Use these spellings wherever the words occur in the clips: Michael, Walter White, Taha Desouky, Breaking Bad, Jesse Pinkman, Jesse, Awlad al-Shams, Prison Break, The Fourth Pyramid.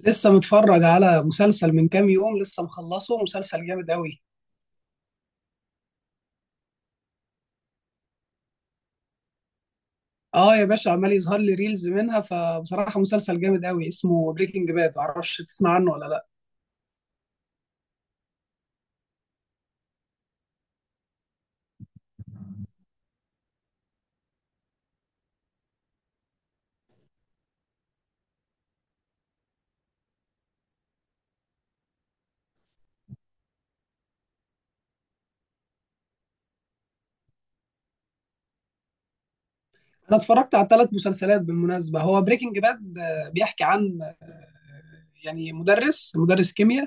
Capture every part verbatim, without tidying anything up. لسه متفرج على مسلسل من كام يوم. لسه مخلصه مسلسل جامد قوي. اه يا باشا، عمال يظهر لي ريلز منها. فبصراحة مسلسل جامد قوي اسمه بريكنج باد. معرفش تسمع عنه ولا لا. انا اتفرجت على ثلاث مسلسلات بالمناسبة. هو بريكنج باد بيحكي عن آه، يعني مدرس مدرس كيمياء.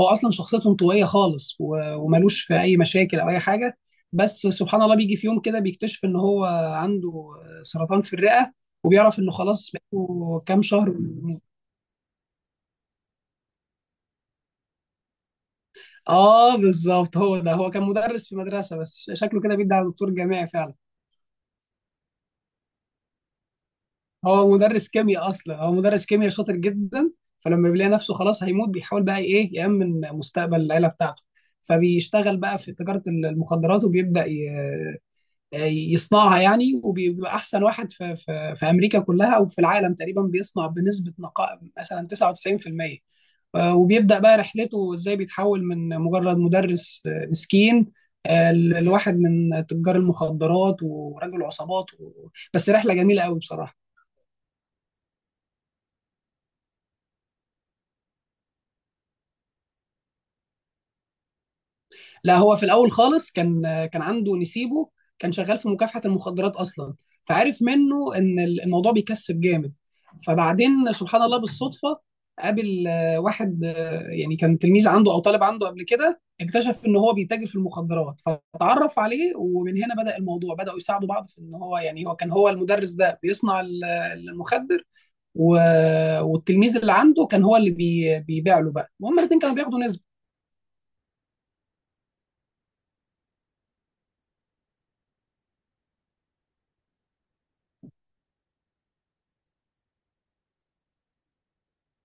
هو اصلا شخصيته انطوائية خالص و- وملوش في اي مشاكل او اي حاجة. بس سبحان الله، بيجي في يوم كده بيكتشف ان هو عنده آه، سرطان في الرئة. وبيعرف انه خلاص بقاله كام شهر. اه بالظبط، هو ده. هو كان مدرس في مدرسه، بس ش- شكله كده بيدعي على دكتور جامعي فعلا. هو مدرس كيمياء اصلا، هو مدرس كيمياء شاطر جدا. فلما بيلاقي نفسه خلاص هيموت بيحاول بقى ايه يأمن مستقبل العيله بتاعته. فبيشتغل بقى في تجاره ال- المخدرات، وبيبدأ ي- يصنعها يعني. وبيبقى احسن واحد في في في امريكا كلها او في العالم تقريبا، بيصنع بنسبه نقاء مثلا تسعة وتسعين في المية. آه، وبيبدأ بقى رحلته ازاي بيتحول من مجرد مدرس آه، مسكين، آه، ل- لواحد من تجار المخدرات ورجل عصابات و... بس رحلة جميلة قوي بصراحة. لا، هو في الاول خالص كان كان عنده نسيبه كان شغال في مكافحه المخدرات اصلا، فعرف منه ان الموضوع بيكسب جامد. فبعدين سبحان الله بالصدفه قابل آه، واحد، آه، يعني كان تلميذ عنده او طالب عنده قبل كده، اكتشف ان هو بيتاجر في المخدرات فتعرف عليه، ومن هنا بدأ الموضوع. بدأوا يساعدوا بعض في ان هو، يعني هو كان، هو المدرس ده بيصنع ال- المخدر، و... والتلميذ اللي عنده كان هو اللي بي... بيبيع له بقى، وهم الاثنين كانوا بياخدوا نسبة.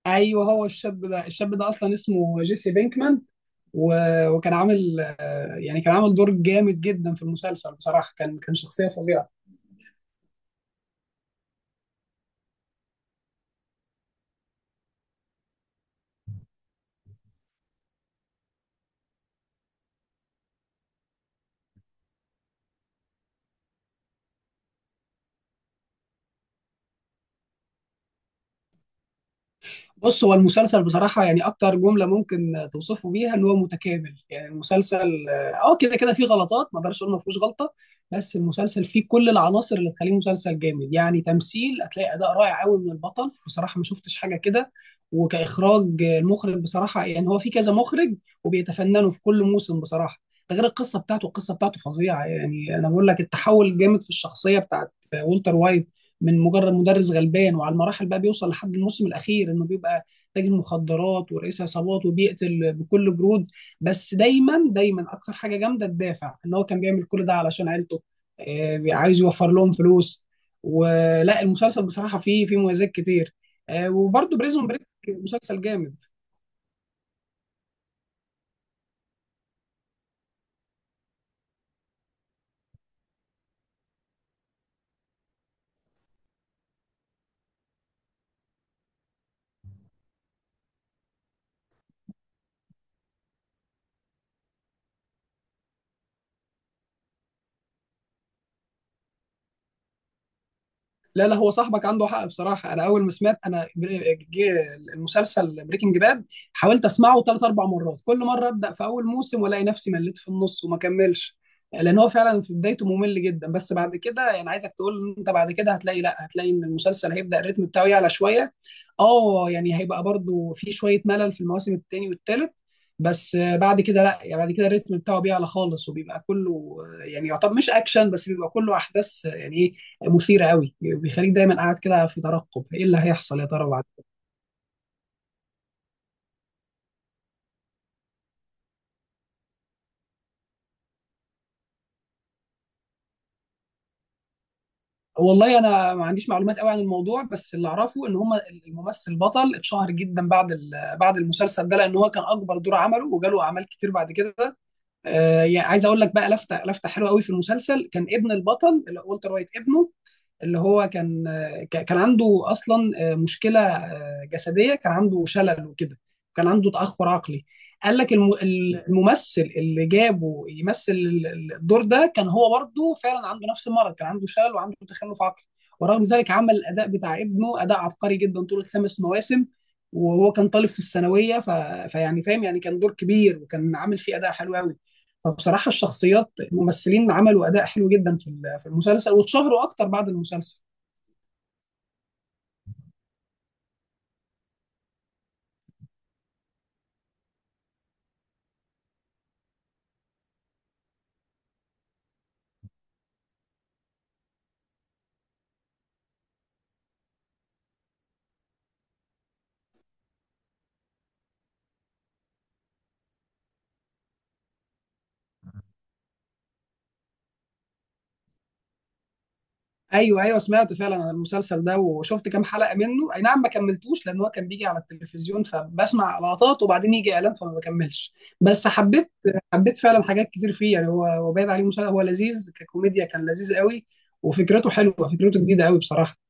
ايوه، هو الشاب ده. الشاب ده اصلا اسمه جيسي بينكمان. و... وكان عامل، آه، يعني كان عامل دور جامد جدا في المسلسل بصراحه. كان كان شخصيه فظيعه. بص، هو المسلسل بصراحة يعني أكتر جملة ممكن توصفه بيها إن هو متكامل يعني. المسلسل أه كده كده فيه غلطات، ما أقدرش أقول ما فيهوش غلطة. بس المسلسل فيه كل العناصر اللي تخليه مسلسل جامد. يعني تمثيل، هتلاقي أداء رائع قوي من البطل بصراحة، ما شفتش حاجة كده. وكإخراج، المخرج بصراحة يعني هو في كذا مخرج، وبيتفننوا في كل موسم بصراحة. ده غير القصة بتاعته، القصة بتاعته فظيعة. يعني أنا بقول لك، التحول الجامد في الشخصية بتاعت والتر وايت، من مجرد مدرس غلبان، وعلى المراحل بقى بيوصل لحد الموسم الاخير انه بيبقى تاجر مخدرات ورئيس عصابات وبيقتل بكل برود. بس دايما دايما اكتر حاجه جامده الدافع، ان هو كان بيعمل كل ده علشان عيلته. آه، عايز يوفر لهم فلوس. ولا المسلسل بصراحه فيه فيه مميزات كتير. آه، وبرده بريزون بريك مسلسل جامد. لا لا، هو صاحبك عنده حق بصراحه. انا اول ما سمعت، انا جه المسلسل بريكنج باد حاولت اسمعه ثلاث اربع مرات. كل مره ابدا في اول موسم والاقي نفسي مليت في النص وما كملش، لان هو فعلا في بدايته ممل جدا. بس بعد كده يعني عايزك تقول إن انت بعد كده هتلاقي، لا، هتلاقي ان المسلسل هيبدا الريتم بتاعه يعلى شويه. اه، يعني هيبقى برضو في شويه ملل في المواسم التاني والتالت، بس بعد كده لا. يعني بعد كده الريتم بتاعه بيعلى خالص، وبيبقى كله يعني يعتبر مش اكشن، بس بيبقى كله احداث، يعني ايه، مثيره قوي. بيخليك دايما قاعد كده في ترقب ايه اللي هيحصل يا ترى بعد. والله انا ما عنديش معلومات قوي عن الموضوع، بس اللي اعرفه ان هم، الممثل البطل اتشهر جدا بعد، ال- بعد المسلسل ده، لان هو كان اكبر دور عمله، وجاله اعمال كتير بعد كده. آه يعني عايز اقول لك بقى لفته لفته حلوه قوي في المسلسل. كان ابن البطل اللي هو والتر وايت، ابنه اللي هو كان ك- كان عنده اصلا آه، مشكله آه، جسديه. كان عنده شلل وكده. كان عنده تاخر عقلي. قال لك الم- الممثل اللي جابه يمثل ال- ال- الدور ده كان هو برضه فعلا عنده نفس المرض. كان عنده شلل وعنده تخلف عقلي. ورغم ذلك عمل الاداء بتاع ابنه اداء عبقري جدا طول الخمس مواسم، وهو كان طالب في الثانويه. ف... فيعني فاهم، يعني كان دور كبير وكان عامل فيه اداء حلو قوي. فبصراحه الشخصيات، الممثلين عملوا اداء حلو جدا في ال- في المسلسل، واتشهروا اكتر بعد المسلسل. ايوه ايوه، سمعت فعلا عن المسلسل ده وشفت كام حلقه منه. اي نعم ما كملتوش لان هو كان بيجي على التلفزيون فبسمع لقطات، وبعدين يجي اعلان فما بكملش. بس حبيت حبيت فعلا حاجات كتير فيه. يعني هو هو باين عليه مسلسل. هو لذيذ، ككوميديا كان لذيذ قوي. وفكرته حلوه، فكرته جديده قوي بصراحه.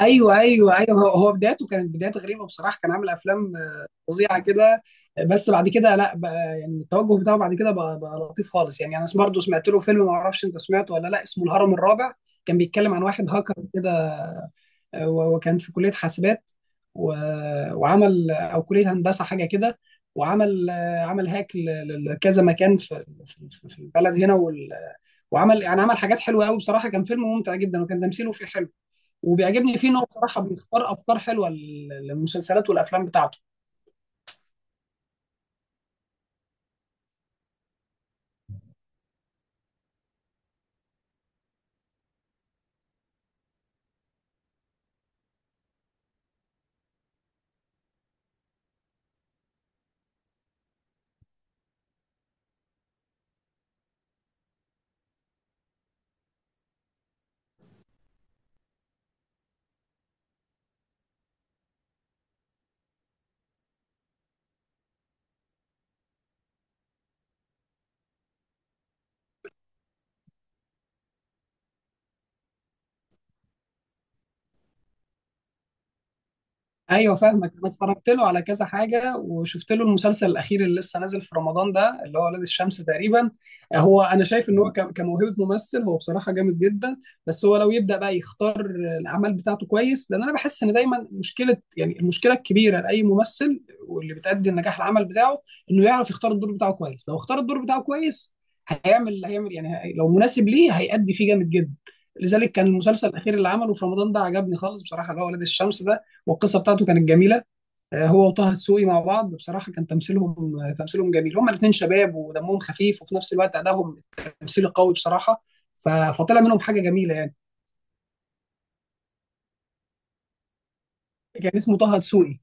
ايوه ايوه ايوه، هو هو بدايته كانت بدايه غريبه بصراحه. كان عامل افلام آه، فظيعه كده. آه، بس بعد كده لا، بقى يعني التوجه بتاعه بعد كده بقى, بقى لطيف خالص. يعني انا برضه سمعت له فيلم، ما اعرفش انت سمعته ولا لا، اسمه الهرم الرابع. كان بيتكلم عن واحد هاكر كده. آه، وكان في كليه حاسبات، و- وعمل، او كليه هندسه حاجه كده. وعمل آه، عمل هاك ل- لكذا مكان في في في البلد هنا. وال- وعمل، يعني عمل حاجات حلوه قوي بصراحه. كان فيلم ممتع جدا وكان تمثيله فيه حلو. وبيعجبني فيه ان هو بصراحه بيختار افكار حلوه لل- للمسلسلات والافلام بتاعته. ايوه فاهمك. انا اتفرجت له على كذا حاجه، وشفت له المسلسل الاخير اللي لسه نازل في رمضان ده اللي هو ولاد الشمس تقريبا. هو انا شايف ان هو ك- كموهبه ممثل هو بصراحه جامد جدا. بس هو لو يبدا بقى يختار الاعمال بتاعته كويس، لان انا بحس ان دايما مشكله، يعني المشكله الكبيره لاي ممثل واللي بتأدي النجاح العمل بتاعه، انه يعرف يختار الدور بتاعه كويس. لو اختار الدور بتاعه كويس هيعمل هيعمل يعني، هي- لو مناسب ليه هيأدي فيه جامد جدا. لذلك كان المسلسل الاخير اللي عمله في رمضان ده عجبني خالص بصراحه، اللي هو ولاد الشمس ده. والقصه بتاعته كانت جميله. آه، هو وطه دسوقي مع بعض، بصراحه كان تمثيلهم، آه، تمثيلهم جميل. هما الاثنين شباب ودمهم خفيف، وفي نفس الوقت ادائهم التمثيل قوي بصراحه. ف- فطلع منهم حاجه جميله يعني. كان اسمه طه دسوقي.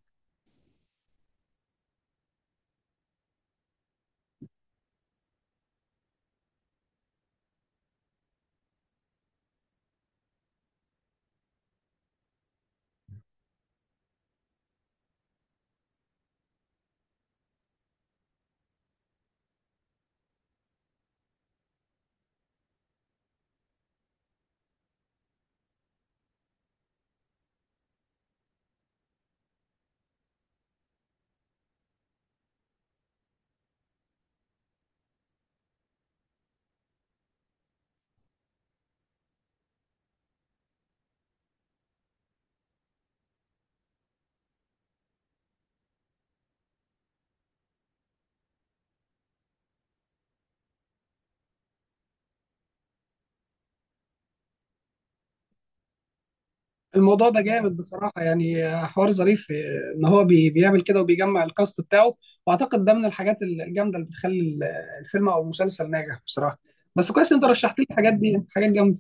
الموضوع ده جامد بصراحه. يعني آه، حوار ظريف، آه، ان هو بي- بيعمل كده وبيجمع الكاست بتاعه. واعتقد ده من الحاجات الجامده اللي بتخلي ال- الفيلم او المسلسل ناجح بصراحه. بس كويس إن انت رشحت لي الحاجات دي، حاجات جامده.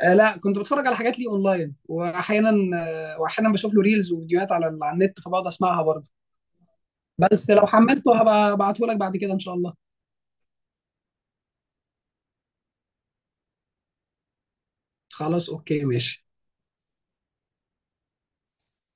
آه لا، كنت بتفرج على حاجات ليه اونلاين. واحيانا، آه واحيانا بشوف له ريلز وفيديوهات على على النت، فبقعد اسمعها برضه. بس لو حملته هبقى ابعته لك بعد كده ان شاء الله. خلاص، اوكي ماشي.